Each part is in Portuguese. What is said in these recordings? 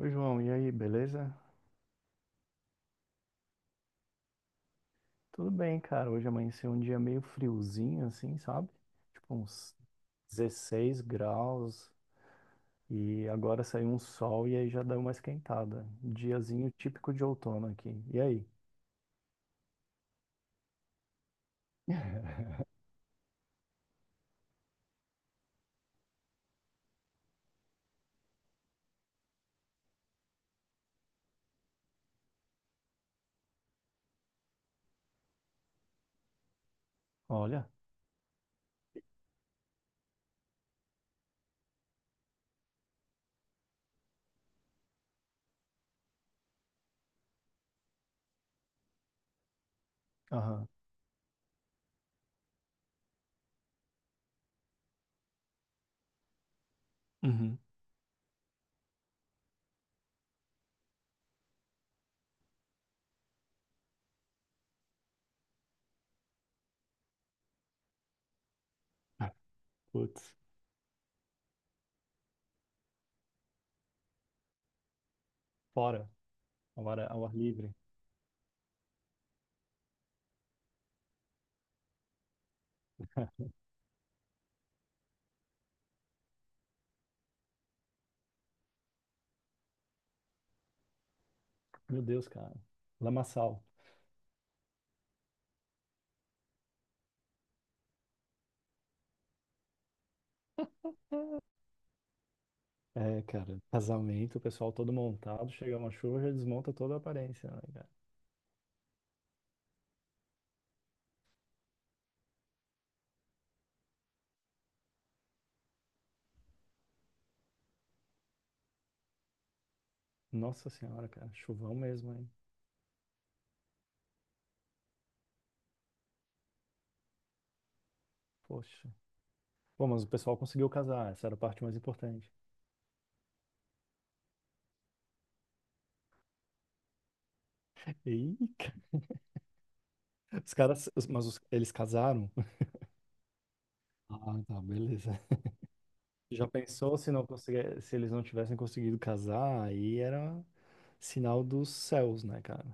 Oi, João, e aí, beleza? Tudo bem, cara. Hoje amanheceu um dia meio friozinho, assim, sabe? Tipo uns 16 graus e agora saiu um sol e aí já deu uma esquentada. Diazinho típico de outono aqui. E aí? Olha. Aham. Uhum. Putz. Fora. Agora ao ar livre. Meu Deus, cara. Lamaçal. É, cara. Casamento, o pessoal todo montado, chega uma chuva, já desmonta toda a aparência, né? Nossa senhora, cara, chuvão mesmo, hein? Poxa. Pô, mas o pessoal conseguiu casar, essa era a parte mais importante. Ih, cara, os caras, mas eles casaram? Ah, tá, beleza. Já pensou se não conseguir, se eles não tivessem conseguido casar, aí era sinal dos céus, né, cara?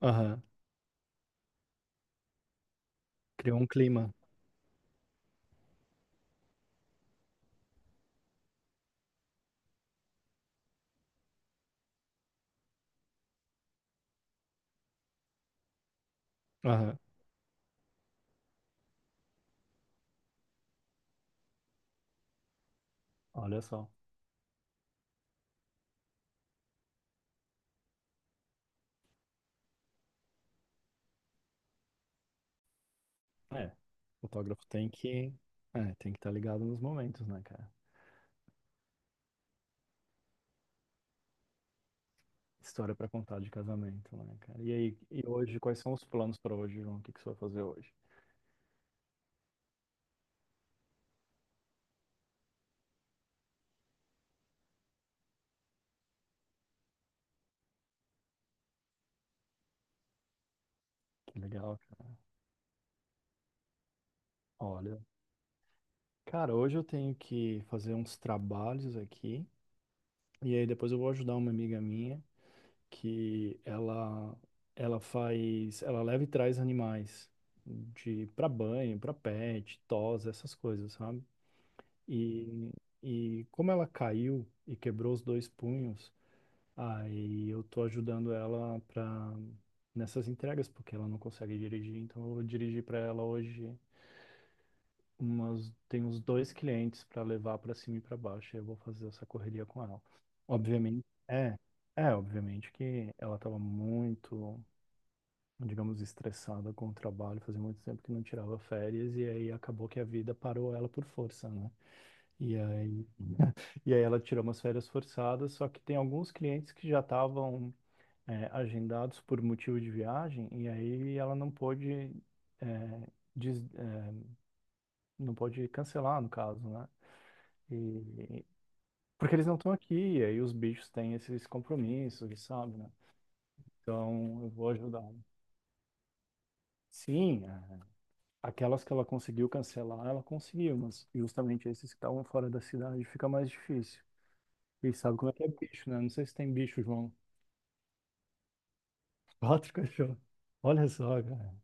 Aham, criou um clima. Aham, olha só. É, fotógrafo tem que estar ligado nos momentos, né, cara? História pra contar de casamento, né, cara? E aí, e hoje, quais são os planos pra hoje, João? O que que você vai fazer hoje? Que legal, cara. Olha, cara, hoje eu tenho que fazer uns trabalhos aqui e aí depois eu vou ajudar uma amiga minha que ela faz, ela leva e traz animais de para banho, para pet, tos, essas coisas, sabe? E e como ela caiu e quebrou os dois punhos, aí eu tô ajudando ela para nessas entregas porque ela não consegue dirigir, então eu vou dirigir para ela hoje tem uns dois clientes para levar para cima e para baixo, e eu vou fazer essa correria com ela. Obviamente, é, obviamente que ela estava muito, digamos, estressada com o trabalho, fazia muito tempo que não tirava férias, e aí acabou que a vida parou ela por força, né? E aí, e aí, ela tirou umas férias forçadas, só que tem alguns clientes que já estavam, agendados por motivo de viagem, e aí ela não pôde, é, des- é, não pôde cancelar, no caso, né? E Porque eles não estão aqui, e aí os bichos têm esses compromissos, sabe, né? Então eu vou ajudar. Sim, aquelas que ela conseguiu cancelar, ela conseguiu, mas justamente esses que estavam fora da cidade fica mais difícil. E sabe como é que é bicho, né? Não sei se tem bicho, João. Quatro cachorros. Olha só, cara.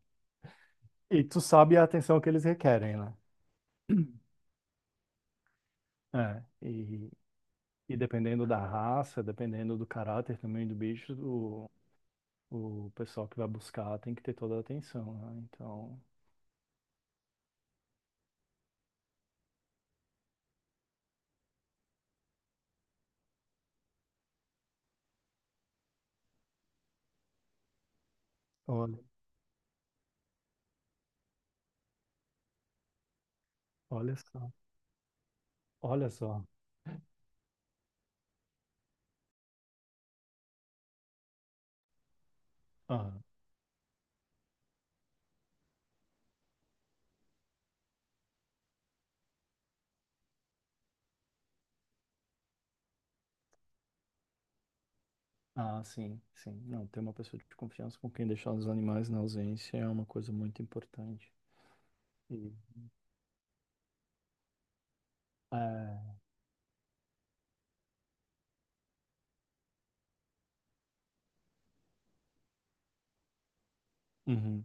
E tu sabe a atenção que eles requerem, né? É. E, e dependendo da raça, dependendo do caráter também do bicho, o pessoal que vai buscar tem que ter toda a atenção, né? Então. Olha. Olha só, olha só. Ah, ah, sim, sim. Não, ter uma pessoa de confiança com quem deixar os animais na ausência é uma coisa muito importante. E, é, uhum.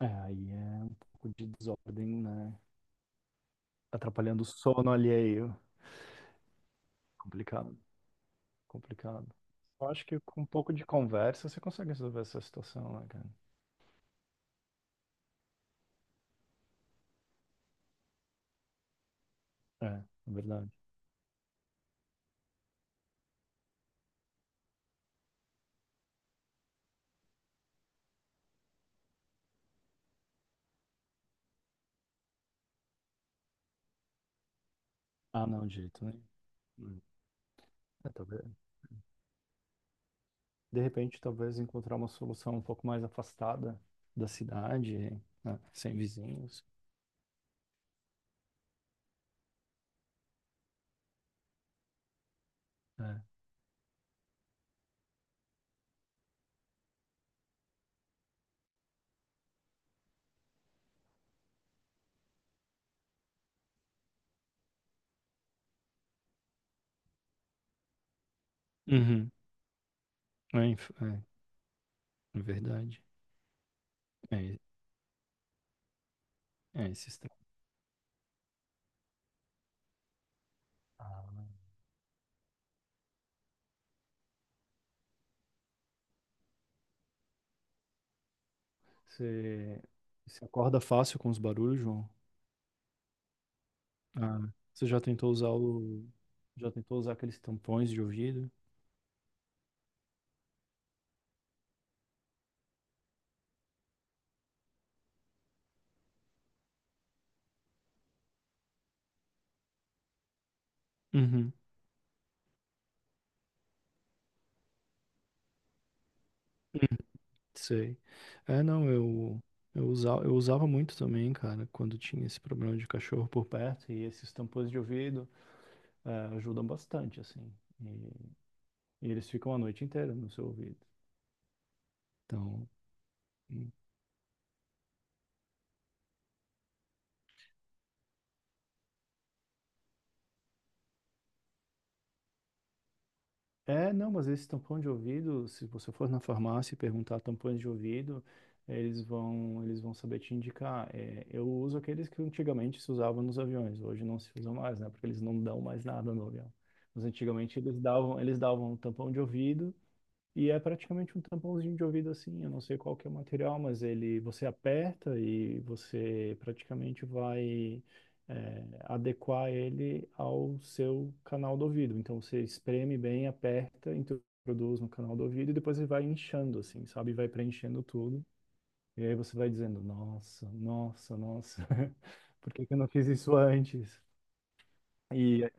É, aí é um pouco de desordem, né? Atrapalhando o sono alheio. Complicado, complicado. Eu acho que com um pouco de conversa você consegue resolver essa situação, né, cara? É, é verdade. Ah, não, de jeito nenhum. Hum. É, talvez. De repente, talvez encontrar uma solução um pouco mais afastada da cidade, né, sem vizinhos. É. Uhum. É, inf- é, é verdade. É, é esse extremo. Ah, né? Você, você acorda fácil com os barulhos, João? Ah, você já tentou usar o, já tentou usar aqueles tampões de ouvido? Uhum. Sei. É, não, eu usava muito também, cara, quando tinha esse problema de cachorro por perto e esses tampões de ouvido. é, Ajudam bastante, assim. E, e eles ficam a noite inteira no seu ouvido. Então, não, mas esse tampão de ouvido, se você for na farmácia e perguntar tampões de ouvido, eles vão saber te indicar. É, eu uso aqueles que antigamente se usavam nos aviões, hoje não se usam mais, né? Porque eles não dão mais nada no avião. Mas antigamente eles davam um tampão de ouvido. E é praticamente um tampãozinho de ouvido assim, eu não sei qual que é o material, mas ele você aperta e você praticamente vai adequar ele ao seu canal do ouvido. Então você espreme bem, aperta, introduz no canal do ouvido e depois ele vai inchando assim, sabe? Vai preenchendo tudo. E aí você vai dizendo, nossa, nossa, nossa, por que que eu não fiz isso antes? E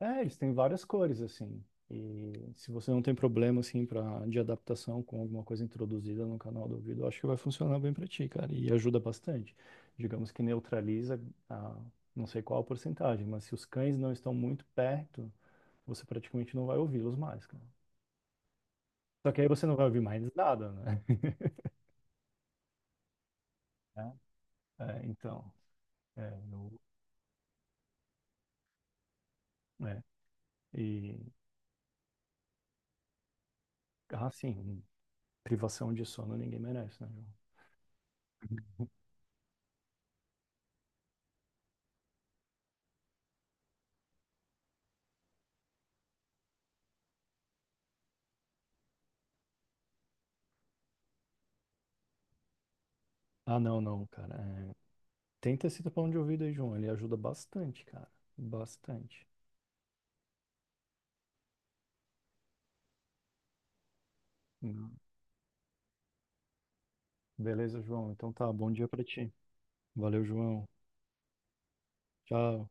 É, eles têm várias cores, assim. E se você não tem problema, assim, pra, de adaptação com alguma coisa introduzida no canal do ouvido, eu acho que vai funcionar bem pra ti, cara. E ajuda bastante. Digamos que neutraliza a, não sei qual a porcentagem, mas se os cães não estão muito perto, você praticamente não vai ouvi-los mais, cara. Só que aí você não vai ouvir mais nada, né? É, é, então, é, eu, é. E, ah, sim, privação de sono ninguém merece, né, João? Ah, não, não, cara. Tenta esse tapão de ouvido aí, João. Ele ajuda bastante, cara. Bastante. Hum. Beleza, João. Então tá, bom dia pra ti. Valeu, João. Tchau.